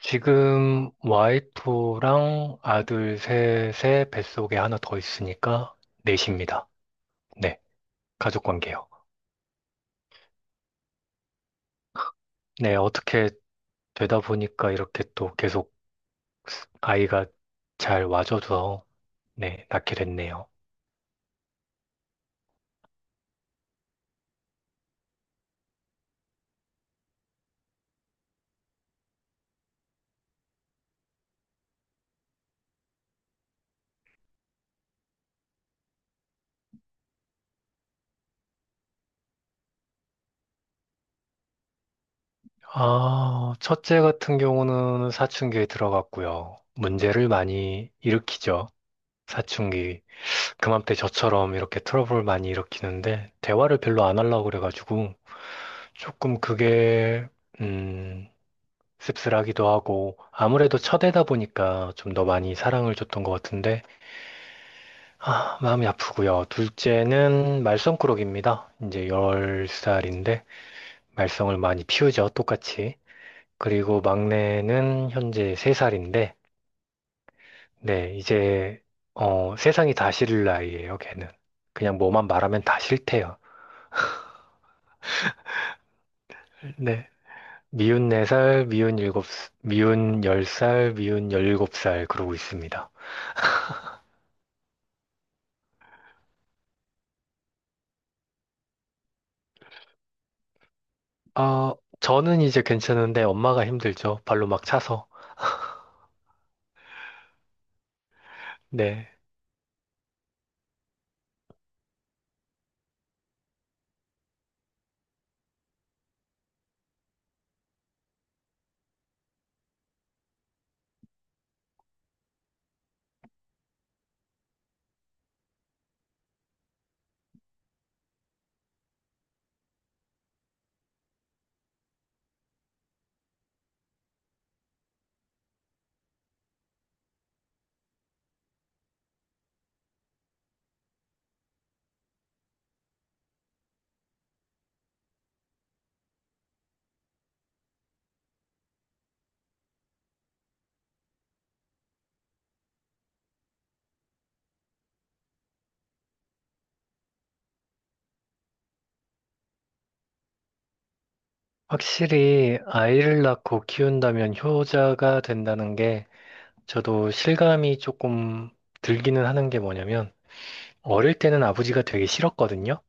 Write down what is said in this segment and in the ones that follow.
지금 와이프랑 아들 셋의 뱃속에 하나 더 있으니까 넷입니다. 네, 가족 관계요. 네, 어떻게 되다 보니까 이렇게 또 계속 아이가 잘 와줘서 네, 낳게 됐네요. 아, 첫째 같은 경우는 사춘기에 들어갔고요. 문제를 많이 일으키죠. 사춘기. 그맘때 저처럼 이렇게 트러블 많이 일으키는데 대화를 별로 안 하려고 그래가지고 조금 그게 음, 씁쓸하기도 하고 아무래도 첫애다 보니까 좀 더 많이 사랑을 줬던 것 같은데 아, 마음이 아프고요. 둘째는 말썽꾸러기입니다. 이제 10살인데 말썽을 많이 피우죠. 똑같이. 그리고 막내는 현재 3살인데 네, 이제 세상이 다 싫을 나이예요, 걔는. 그냥 뭐만 말하면 다 싫대요. 네. 미운 4살, 미운 일곱, 미운 10살, 미운 17살 그러고 있습니다. 아, 저는 이제 괜찮은데 엄마가 힘들죠. 발로 막 차서. 네. 확실히 아이를 낳고 키운다면 효자가 된다는 게 저도 실감이 조금 들기는 하는 게 뭐냐면 어릴 때는 아버지가 되게 싫었거든요.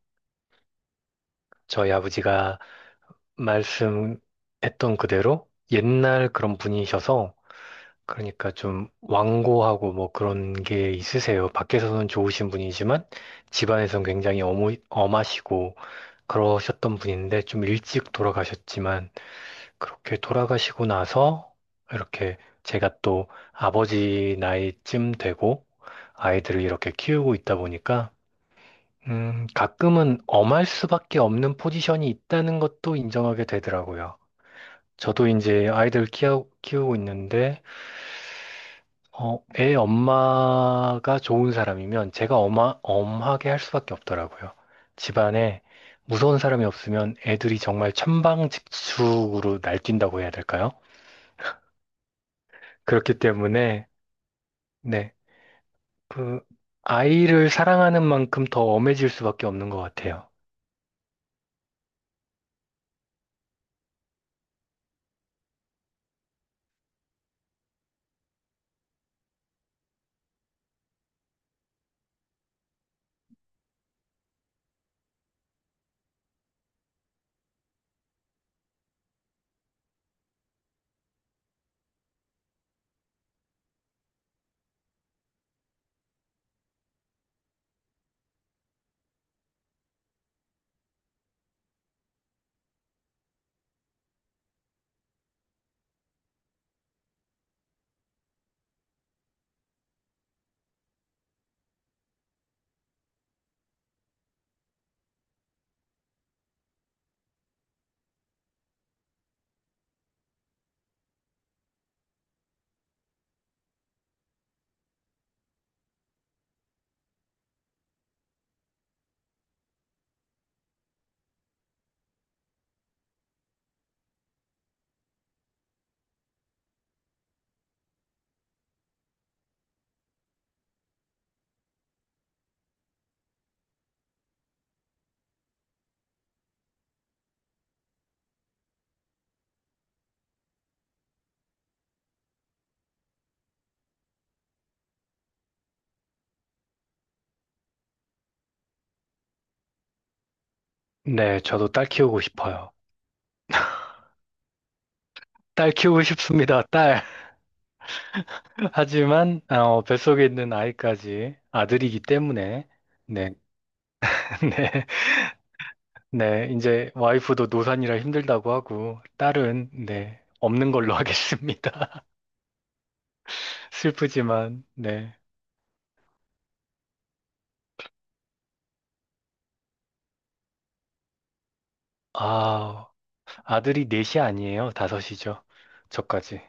저희 아버지가 말씀했던 그대로 옛날 그런 분이셔서 그러니까 좀 완고하고 뭐 그런 게 있으세요. 밖에서는 좋으신 분이지만 집안에선 굉장히 어무 엄하시고 그러셨던 분인데 좀 일찍 돌아가셨지만 그렇게 돌아가시고 나서 이렇게 제가 또 아버지 나이쯤 되고 아이들을 이렇게 키우고 있다 보니까 가끔은 엄할 수밖에 없는 포지션이 있다는 것도 인정하게 되더라고요. 저도 이제 아이들 키우고 있는데 애 엄마가 좋은 사람이면 제가 엄하게 할 수밖에 없더라고요. 집안에 무서운 사람이 없으면 애들이 정말 천방지축으로 날뛴다고 해야 될까요? 그렇기 때문에, 네, 그, 아이를 사랑하는 만큼 더 엄해질 수밖에 없는 것 같아요. 네, 저도 딸 키우고 싶어요. 딸 키우고 싶습니다, 딸. 하지만, 뱃속에 있는 아이까지 아들이기 때문에, 네, 네. 네, 이제 와이프도 노산이라 힘들다고 하고, 딸은, 네, 없는 걸로 하겠습니다. 슬프지만, 네. 아, 아들이 넷이 아니에요. 다섯이죠. 저까지.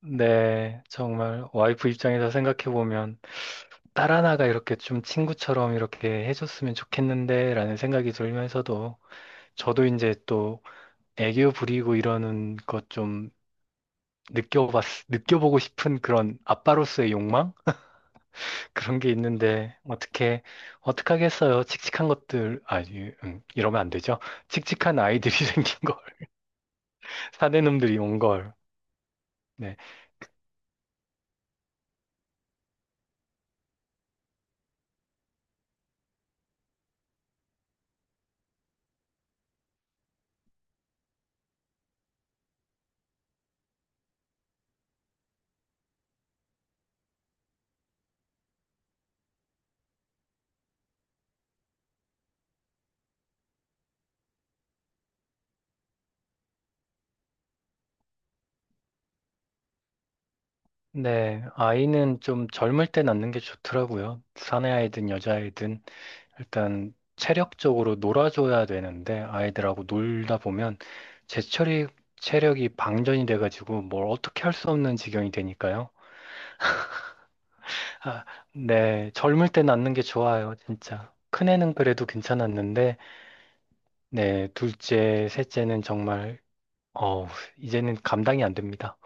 네, 정말 와이프 입장에서 생각해보면, 딸 하나가 이렇게 좀 친구처럼 이렇게 해줬으면 좋겠는데, 라는 생각이 들면서도, 저도 이제 또 애교 부리고 이러는 것 좀 느껴봤, 느껴보고 싶은 그런 아빠로서의 욕망? 그런 게 있는데 어떻게 하겠어요? 칙칙한 것들 이러면 안 되죠. 칙칙한 아이들이 생긴 걸 사내 놈들이 온 걸. 네, 네 아이는 좀 젊을 때 낳는 게 좋더라고요. 사내 아이든 여자아이든 일단 체력적으로 놀아줘야 되는데 아이들하고 놀다 보면 제철이 체력이 방전이 돼가지고 뭘 어떻게 할 수 없는 지경이 되니까요. 아, 네, 젊을 때 낳는 게 좋아요, 진짜. 큰애는 그래도 괜찮았는데. 네, 둘째, 셋째는 정말, 어, 이제는 감당이 안 됩니다.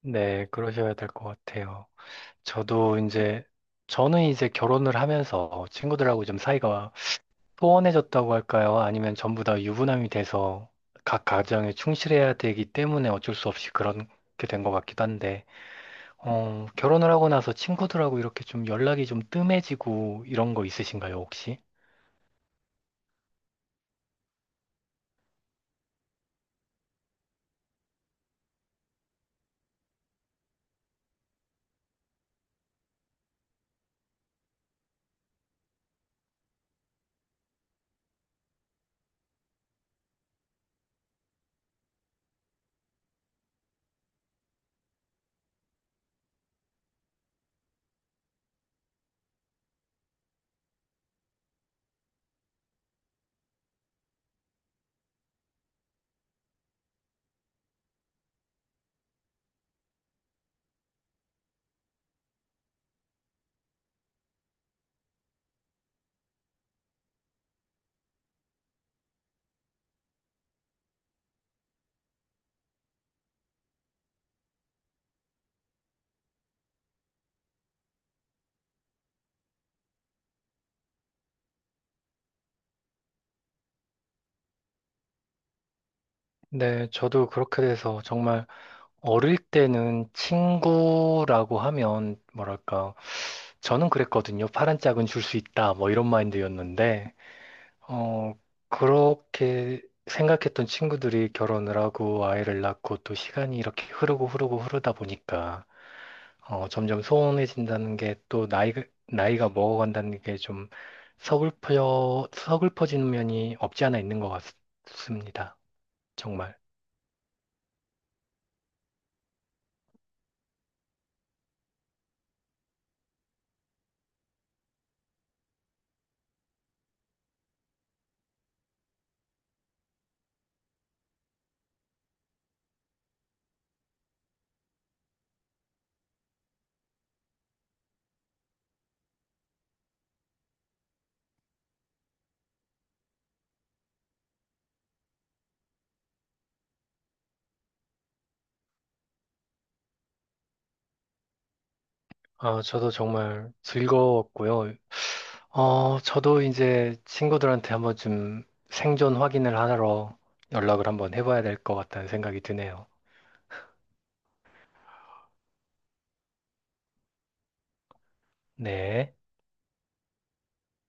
네, 그러셔야 될 것 같아요. 저도 이제, 저는 이제 결혼을 하면서 친구들하고 좀 사이가 소원해졌다고 할까요? 아니면 전부 다 유부남이 돼서 각 가정에 충실해야 되기 때문에 어쩔 수 없이 그렇게 된 것 같기도 한데, 결혼을 하고 나서 친구들하고 이렇게 좀 연락이 좀 뜸해지고 이런 거 있으신가요, 혹시? 네, 저도 그렇게 돼서 정말 어릴 때는 친구라고 하면 뭐랄까 저는 그랬거든요. 파란 짝은 줄 수 있다 뭐 이런 마인드였는데 어 그렇게 생각했던 친구들이 결혼을 하고 아이를 낳고 또 시간이 이렇게 흐르고 흐르고 흐르다 보니까 점점 소원해진다는 게 또 나이가 먹어간다는 게 좀 서글퍼지는 면이 없지 않아 있는 것 같습니다. 정말. 아, 저도 정말 즐거웠고요. 저도 이제 친구들한테 한번 좀 생존 확인을 하러 연락을 한번 해봐야 될 것 같다는 생각이 드네요. 네.